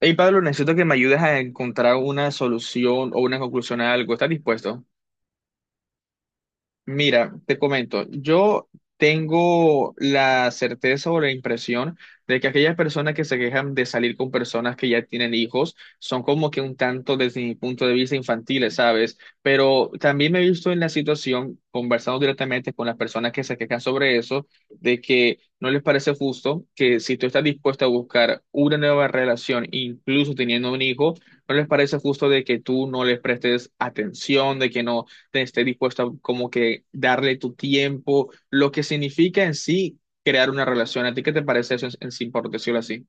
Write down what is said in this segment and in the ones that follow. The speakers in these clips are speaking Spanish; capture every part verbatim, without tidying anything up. Hey Pablo, necesito que me ayudes a encontrar una solución o una conclusión a algo. ¿Estás dispuesto? Mira, te comento, yo tengo la certeza o la impresión de que aquellas personas que se quejan de salir con personas que ya tienen hijos son como que un tanto desde mi punto de vista infantiles, ¿sabes? Pero también me he visto en la situación, conversando directamente con las personas que se quejan sobre eso, de que no les parece justo que si tú estás dispuesto a buscar una nueva relación, incluso teniendo un hijo, no les parece justo de que tú no les prestes atención, de que no estés dispuesto a como que darle tu tiempo, lo que significa en sí crear una relación. ¿A ti qué te parece eso en, en sí, por decirlo así?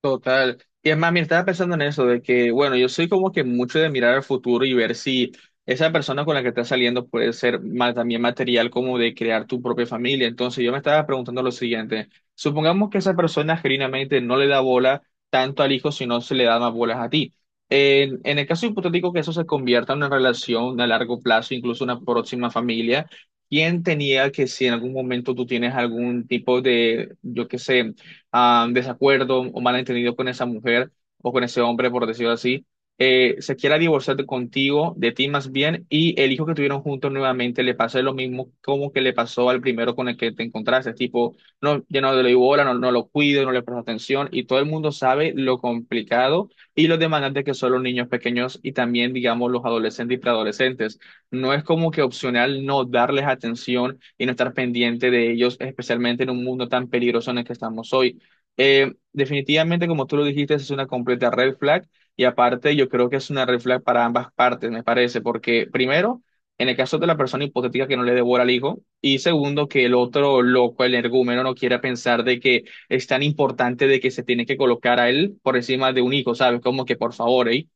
Total. Y es más, mira, estaba pensando en eso, de que, bueno, yo soy como que mucho de mirar al futuro y ver si esa persona con la que estás saliendo puede ser ma- también material como de crear tu propia familia. Entonces yo me estaba preguntando lo siguiente, supongamos que esa persona genuinamente no le da bola tanto al hijo, sino se le da más bolas a ti. En, en el caso hipotético que eso se convierta en una relación a largo plazo, incluso una próxima familia, ¿quién tenía que si en algún momento tú tienes algún tipo de, yo qué sé, ah, desacuerdo o malentendido con esa mujer o con ese hombre, por decirlo así, eh, se quiera divorciar de contigo, de ti más bien, y el hijo que tuvieron juntos nuevamente le pase lo mismo como que le pasó al primero con el que te encontraste, tipo, no, ya no le doy bola, no, no lo cuido, no le presto atención, y todo el mundo sabe lo complicado y lo demandante que son los niños pequeños y también, digamos, los adolescentes y preadolescentes. No es como que opcional no darles atención y no estar pendiente de ellos, especialmente en un mundo tan peligroso en el que estamos hoy. Eh, definitivamente, como tú lo dijiste, es una completa red flag y aparte yo creo que es una red flag para ambas partes, me parece, porque primero, en el caso de la persona hipotética que no le devora al hijo y segundo, que el otro loco, el energúmeno, no quiera pensar de que es tan importante de que se tiene que colocar a él por encima de un hijo, ¿sabes? Como que por favor, ¿eh?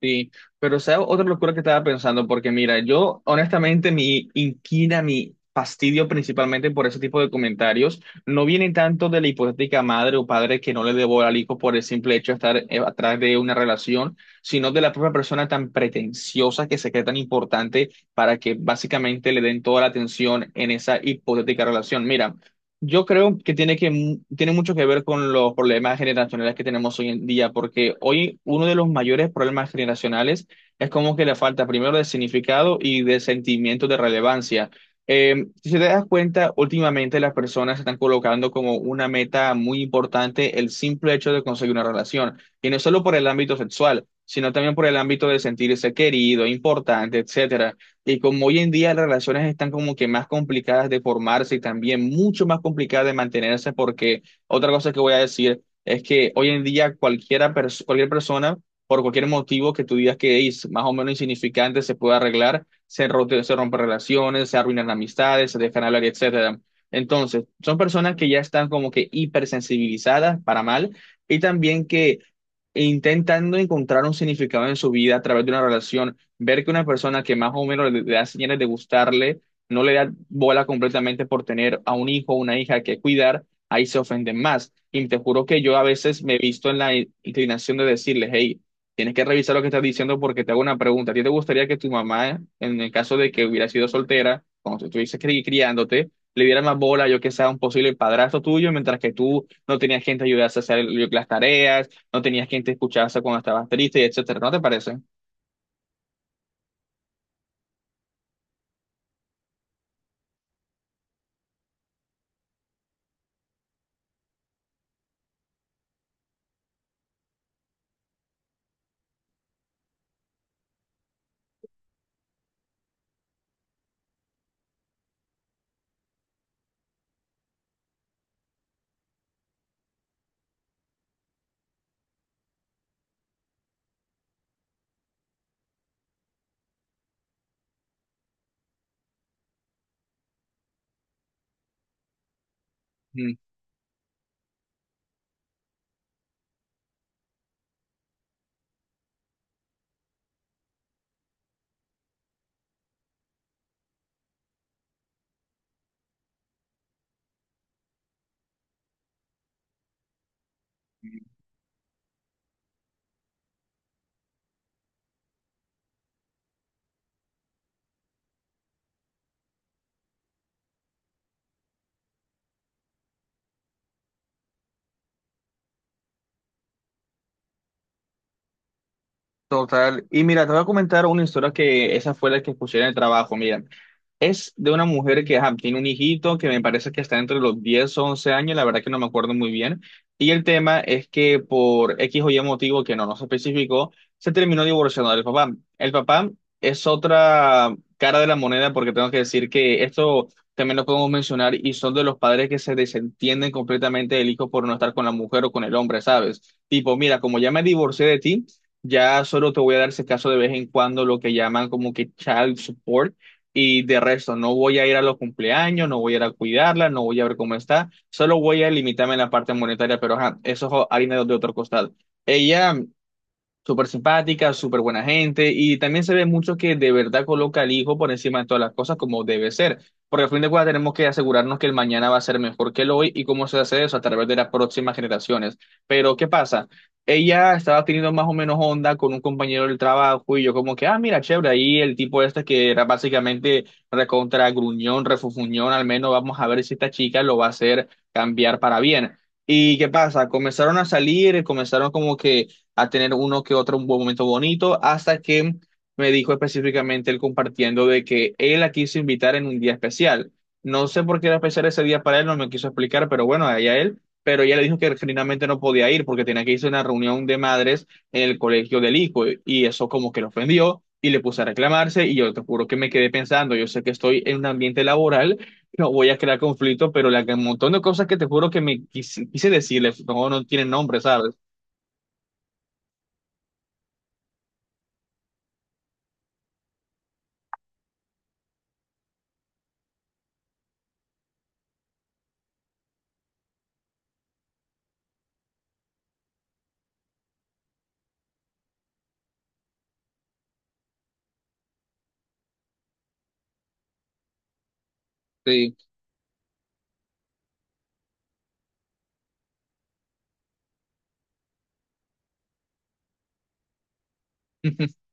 Sí, pero sea otra locura que estaba pensando, porque mira, yo honestamente mi inquina, mi fastidio principalmente por ese tipo de comentarios, no viene tanto de la hipotética madre o padre que no le debo al hijo por el simple hecho de estar eh, atrás de una relación, sino de la propia persona tan pretenciosa que se cree tan importante para que básicamente le den toda la atención en esa hipotética relación. Mira, yo creo que tiene que tiene mucho que ver con los problemas generacionales que tenemos hoy en día, porque hoy uno de los mayores problemas generacionales es como que la falta primero de significado y de sentimiento de relevancia. Eh, si te das cuenta, últimamente las personas están colocando como una meta muy importante el simple hecho de conseguir una relación, y no solo por el ámbito sexual, sino también por el ámbito de sentirse querido, importante, etcétera. Y como hoy en día las relaciones están como que más complicadas de formarse y también mucho más complicadas de mantenerse, porque otra cosa que voy a decir es que hoy en día cualquiera pers- cualquier persona, por cualquier motivo que tú digas que es más o menos insignificante, se puede arreglar, se, rote- se rompen relaciones, se arruinan amistades, se dejan hablar, etcétera. Entonces, son personas que ya están como que hipersensibilizadas para mal y también que intentando encontrar un significado en su vida a través de una relación ver que una persona que más o menos le, le da señales de gustarle, no le da bola completamente por tener a un hijo o una hija que cuidar, ahí se ofenden más. Y te juro que yo a veces me he visto en la i- inclinación de decirles, hey, tienes que revisar lo que estás diciendo porque te hago una pregunta. ¿A ti te gustaría que tu mamá, en el caso de que hubiera sido soltera, cuando tú estuvieses cri- criándote, le diera más bola, yo que sea un posible padrastro tuyo, mientras que tú no tenías gente que ayudase a hacer el- las tareas, no tenías gente que escucharse cuando estabas triste, etcétera? ¿No te parece? Total. Y mira, te voy a comentar una historia que esa fue la que escuché en el trabajo. Mira, es de una mujer que ajá, tiene un hijito que me parece que está entre los diez o once años, la verdad que no me acuerdo muy bien. Y el tema es que por X o Y motivo que no nos especificó, se terminó divorciando del papá. El papá es otra cara de la moneda porque tengo que decir que esto también lo podemos mencionar y son de los padres que se desentienden completamente del hijo por no estar con la mujer o con el hombre, ¿sabes? Tipo, mira, como ya me divorcié de ti. Ya solo te voy a dar ese caso de vez en cuando lo que llaman como que child support y de resto no voy a ir a los cumpleaños, no voy a ir a cuidarla, no voy a ver cómo está, solo voy a limitarme en la parte monetaria, pero ajá, eso es harina de otro costal. Ella súper simpática, súper buena gente y también se ve mucho que de verdad coloca al hijo por encima de todas las cosas como debe ser, porque al fin de cuentas tenemos que asegurarnos que el mañana va a ser mejor que el hoy y cómo se hace eso a través de las próximas generaciones. Pero ¿qué pasa? Ella estaba teniendo más o menos onda con un compañero del trabajo y yo como que, ah, mira, chévere, ahí el tipo este que era básicamente recontra gruñón, refufuñón, al menos vamos a ver si esta chica lo va a hacer cambiar para bien. ¿Y qué pasa? Comenzaron a salir, comenzaron como que a tener uno que otro un buen momento bonito, hasta que me dijo específicamente él compartiendo de que él la quiso invitar en un día especial. No sé por qué era especial ese día para él, no me quiso explicar, pero bueno, allá él. Pero ella le dijo que genuinamente no podía ir porque tenía que irse a una reunión de madres en el colegio del hijo y eso como que lo ofendió y le puse a reclamarse y yo te juro que me quedé pensando, yo sé que estoy en un ambiente laboral, no voy a crear conflicto, pero la, un montón de cosas que te juro que me quise, quise decirle, no, no tienen nombre, ¿sabes? Sí.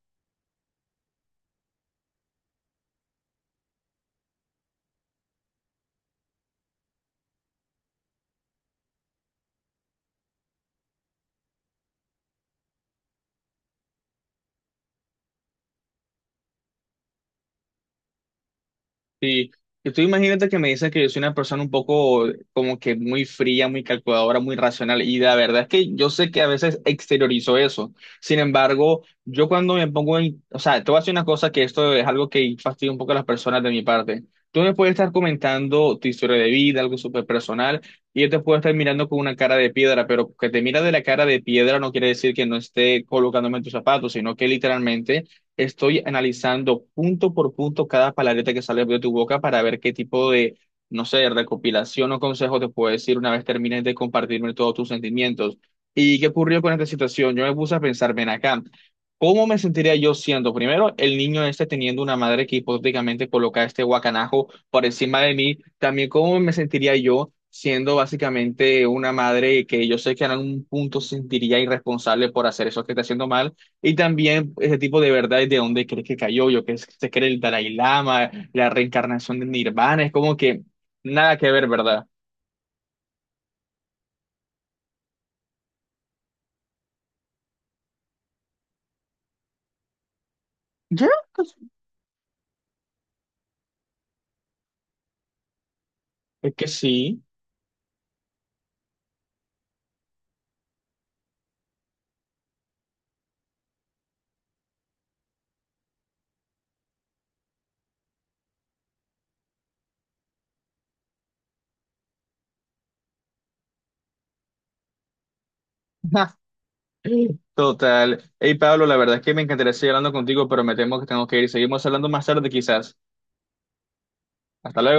Sí, y tú imagínate que me dices que yo soy una persona un poco como que muy fría, muy calculadora, muy racional, y la verdad es que yo sé que a veces exteriorizo eso. Sin embargo, yo cuando me pongo en, o sea, te voy a decir una cosa que esto es algo que fastidia un poco a las personas de mi parte. Tú me puedes estar comentando tu historia de vida, algo súper personal, y yo te puedo estar mirando con una cara de piedra, pero que te mira de la cara de piedra no quiere decir que no esté colocándome en tus zapatos, sino que literalmente estoy analizando punto por punto cada palabrita que sale de tu boca para ver qué tipo de, no sé, recopilación o consejo te puedo decir una vez termines de compartirme todos tus sentimientos. ¿Y qué ocurrió con esta situación? Yo me puse a pensar, ven acá, ¿cómo me sentiría yo siendo, primero, el niño este teniendo una madre que hipotéticamente coloca este guacanajo por encima de mí? También, ¿cómo me sentiría yo siendo básicamente una madre que yo sé que en algún punto sentiría irresponsable por hacer eso que está haciendo mal? Y también ese tipo de verdades de dónde crees que cayó, yo que es- se cree el Dalai Lama, la reencarnación de Nirvana, es como que nada que ver, ¿verdad? Ya, pues, es que sí. Total. Hey, Pablo, la verdad es que me encantaría seguir hablando contigo, pero me temo que tengo que ir. Seguimos hablando más tarde, quizás. Hasta luego.